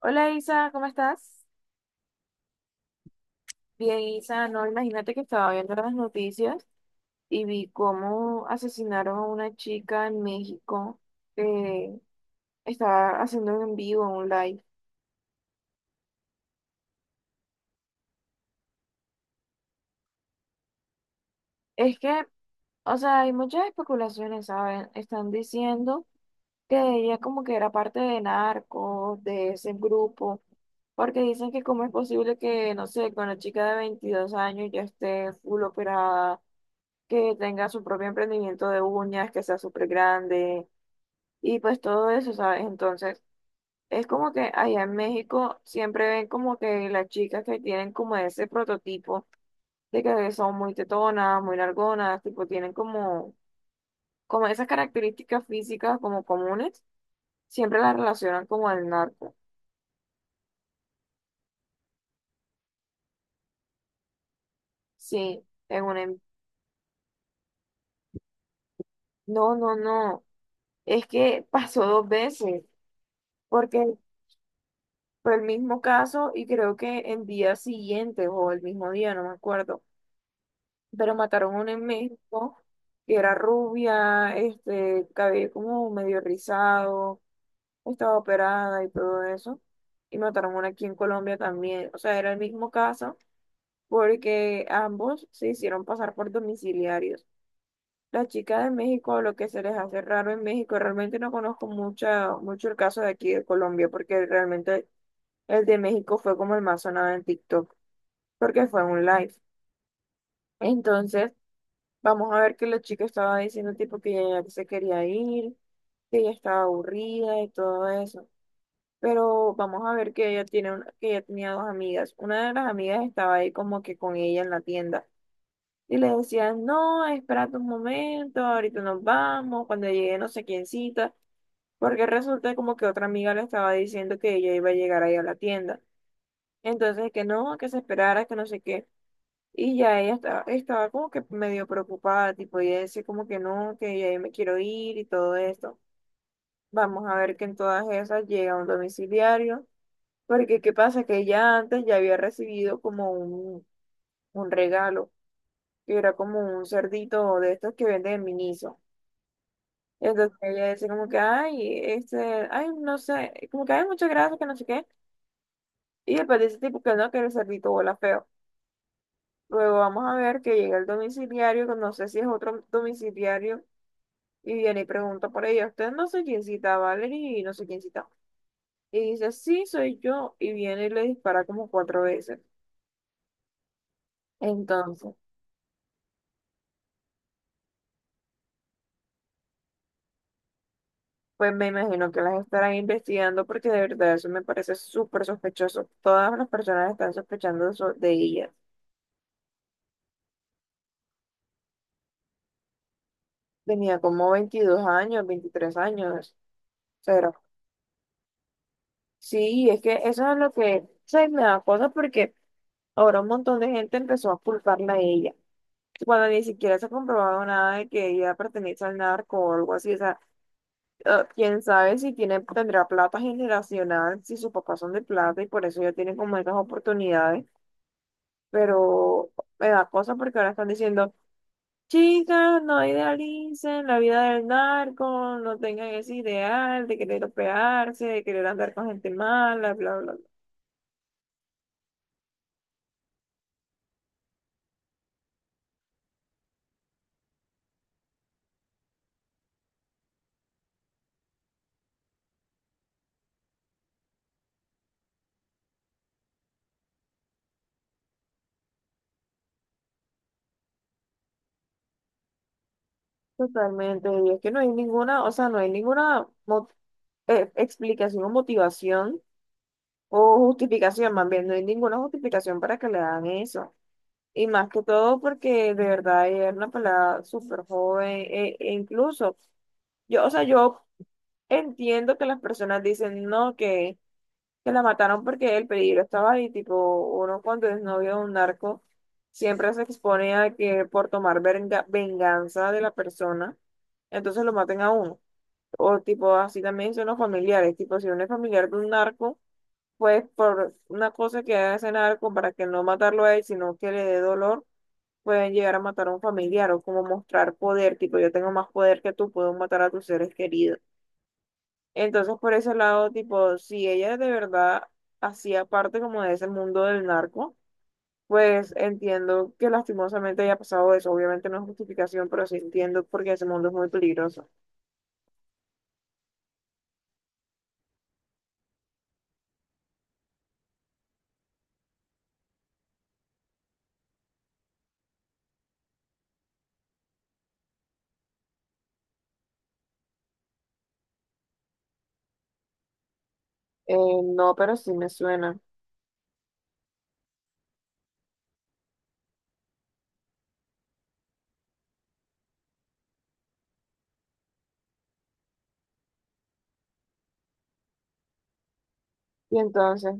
Hola Isa, ¿cómo estás? Bien, Isa, no, imagínate que estaba viendo las noticias y vi cómo asesinaron a una chica en México que estaba haciendo un en vivo, un live. Es que, o sea, hay muchas especulaciones, ¿saben? Están diciendo que ella como que era parte de narcos, de ese grupo, porque dicen que cómo es posible que, no sé, con una chica de 22 años ya esté full operada, que tenga su propio emprendimiento de uñas, que sea súper grande y pues todo eso, ¿sabes? Entonces, es como que allá en México siempre ven como que las chicas que tienen como ese prototipo de que son muy tetonas, muy largonas, tipo tienen como, como esas características físicas como comunes, siempre las relacionan como al narco. Sí, en un... No, no, no. Es que pasó dos veces, porque fue el mismo caso y creo que en días siguientes o el mismo día, no me acuerdo, pero mataron a una en México que era rubia, cabello como medio rizado, estaba operada y todo eso. Y mataron a una aquí en Colombia también. O sea, era el mismo caso porque ambos se hicieron pasar por domiciliarios. La chica de México, lo que se les hace raro en México, realmente no conozco mucha, mucho el caso de aquí de Colombia porque realmente el de México fue como el más sonado en TikTok, porque fue un live. Entonces, vamos a ver que la chica estaba diciendo tipo que ella ya se quería ir, que ella estaba aburrida y todo eso. Pero vamos a ver que que ella tenía dos amigas. Una de las amigas estaba ahí como que con ella en la tienda. Y le decían, no, espérate un momento, ahorita nos vamos, cuando llegue no sé quién cita. Porque resulta como que otra amiga le estaba diciendo que ella iba a llegar ahí a la tienda. Entonces, que no, que se esperara, que no sé qué. Y ya ella estaba como que medio preocupada, tipo, ella decía como que no, que ya yo me quiero ir y todo esto. Vamos a ver que en todas esas llega un domiciliario, porque qué pasa que ella antes ya había recibido como un regalo, que era como un cerdito de estos que venden en Miniso. Entonces ella decía como que, ay, ay, no sé, como que hay muchas gracias, que no sé qué. Y después dice tipo que no, que el cerdito huele feo. Luego vamos a ver que llega el domiciliario, que no sé si es otro domiciliario. Y viene y pregunta por ella, usted no sé quién cita a Valerie y no sé quién cita. Y dice, sí, soy yo. Y viene y le dispara como cuatro veces. Entonces, pues me imagino que las estarán investigando porque de verdad eso me parece súper sospechoso. Todas las personas están sospechando de ella. Tenía como 22 años, 23 años. Pero sí, es que eso es lo que se me da cosa porque ahora un montón de gente empezó a culparla a ella. Cuando ni siquiera se ha comprobado nada de que ella pertenece al narco o algo así. O sea, quién sabe si tiene, tendrá plata generacional, si sus papás son de plata y por eso ya tienen como esas oportunidades. Pero me da cosa porque ahora están diciendo, chicas, no idealicen la vida del narco, no tengan ese ideal de querer operarse, de querer andar con gente mala, bla, bla, bla. Totalmente. Y es que no hay ninguna, o sea, no hay ninguna mo- explicación o motivación. O justificación, más bien, no hay ninguna justificación para que le hagan eso. Y más que todo porque de verdad ella era una pelada súper joven, e incluso, yo entiendo que las personas dicen, no, que la mataron porque el peligro estaba ahí, tipo, uno cuando es novio de un narco, siempre se expone a que por tomar venganza de la persona, entonces lo maten a uno. O tipo, así también son los familiares, tipo, si uno es familiar de un narco pues por una cosa que hacen algo para que no matarlo a él, sino que le dé dolor, pueden llegar a matar a un familiar o como mostrar poder, tipo yo tengo más poder que tú, puedo matar a tus seres queridos. Entonces por ese lado, tipo, si ella de verdad hacía parte como de ese mundo del narco, pues entiendo que lastimosamente haya pasado eso. Obviamente no es justificación, pero sí entiendo porque ese mundo es muy peligroso. Eh, no, pero sí me suena. Y entonces,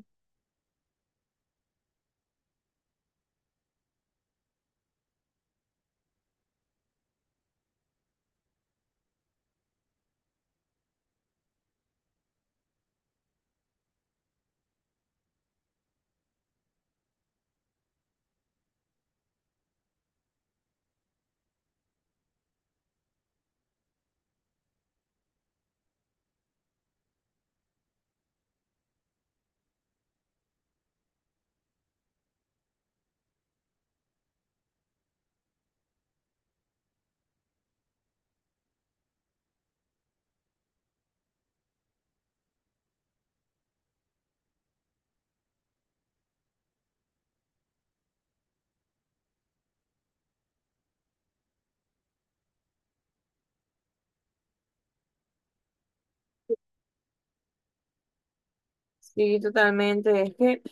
sí, totalmente. Es que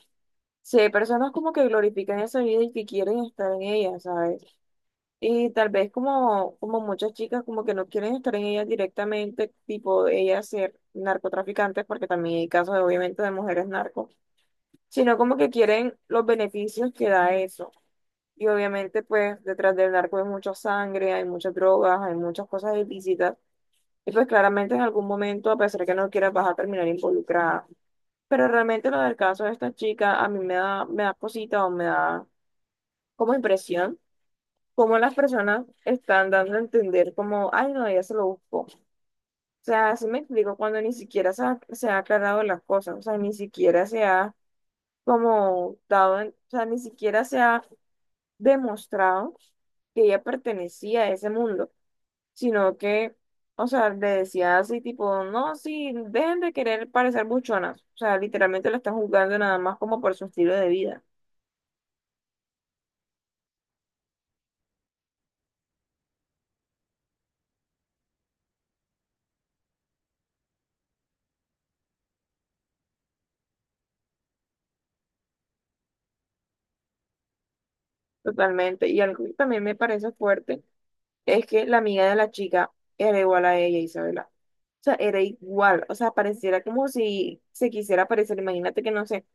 sí, hay personas como que glorifican esa vida y que quieren estar en ella, ¿sabes? Y tal vez como, como muchas chicas como que no quieren estar en ella directamente, tipo ellas ser narcotraficantes, porque también hay casos de, obviamente de mujeres narcos, sino como que quieren los beneficios que da eso. Y obviamente pues detrás del narco hay mucha sangre, hay muchas drogas, hay muchas cosas ilícitas. Y pues claramente en algún momento, a pesar que no quieras, vas a terminar involucrada. Pero realmente lo del caso de esta chica a mí me da cosita o me da como impresión, como las personas están dando a entender como, ay, no, ella se lo buscó. O sea, así me explico cuando ni siquiera se ha aclarado las cosas, o sea, ni siquiera se ha como o sea, ni siquiera se ha demostrado que ella pertenecía a ese mundo, sino que, o sea, le decía así tipo, no, sí, dejen de querer parecer buchonas, o sea, literalmente la están juzgando nada más como por su estilo de vida, totalmente. Y algo que también me parece fuerte. Es que la amiga de la chica era igual a ella, Isabela. O sea, era igual. O sea, pareciera como si se quisiera parecer. Imagínate que, no sé,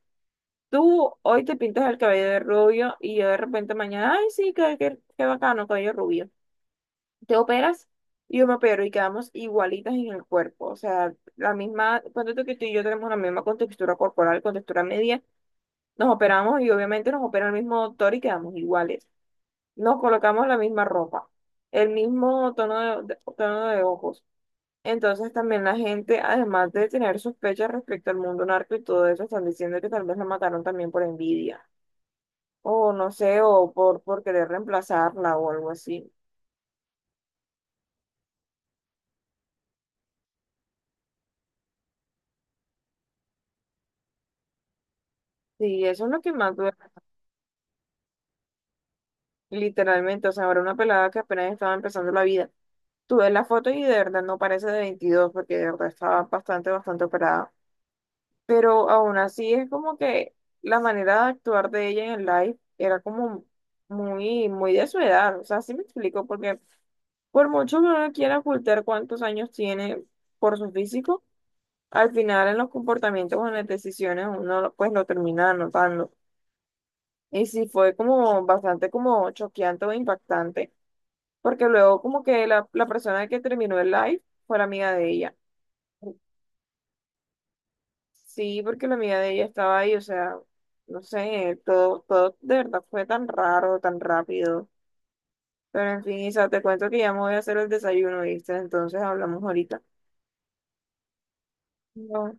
tú hoy te pintas el cabello de rubio y yo de repente mañana, ay, sí, qué bacano, cabello rubio. Te operas y yo me opero y quedamos igualitas en el cuerpo. O sea, la misma, cuando tú y yo tenemos la misma contextura corporal, contextura media, nos operamos y obviamente nos opera el mismo doctor y quedamos iguales. Nos colocamos la misma ropa, el mismo tono tono de ojos. Entonces también la gente, además de tener sospechas respecto al mundo narco y todo eso, están diciendo que tal vez la mataron también por envidia, o no sé, o por querer reemplazarla o algo así. Sí, eso es lo que más duele, literalmente. O sea, ahora una pelada que apenas estaba empezando la vida. Tú ves la foto y de verdad no parece de 22, porque de verdad estaba bastante, bastante operada. Pero aún así es como que la manera de actuar de ella en el live era como muy de su edad. O sea, sí me explico, porque... Por mucho que uno quiera ocultar cuántos años tiene por su físico, al final en los comportamientos o en las decisiones uno pues lo termina notando. Y sí fue como bastante como choqueante o impactante, porque luego como que la persona que terminó el live fue la amiga de ella. Sí, porque la amiga de ella estaba ahí, o sea, no sé, todo de verdad fue tan raro, tan rápido. Pero en fin, Isa, te cuento que ya me voy a hacer el desayuno, ¿viste? Entonces hablamos ahorita. No.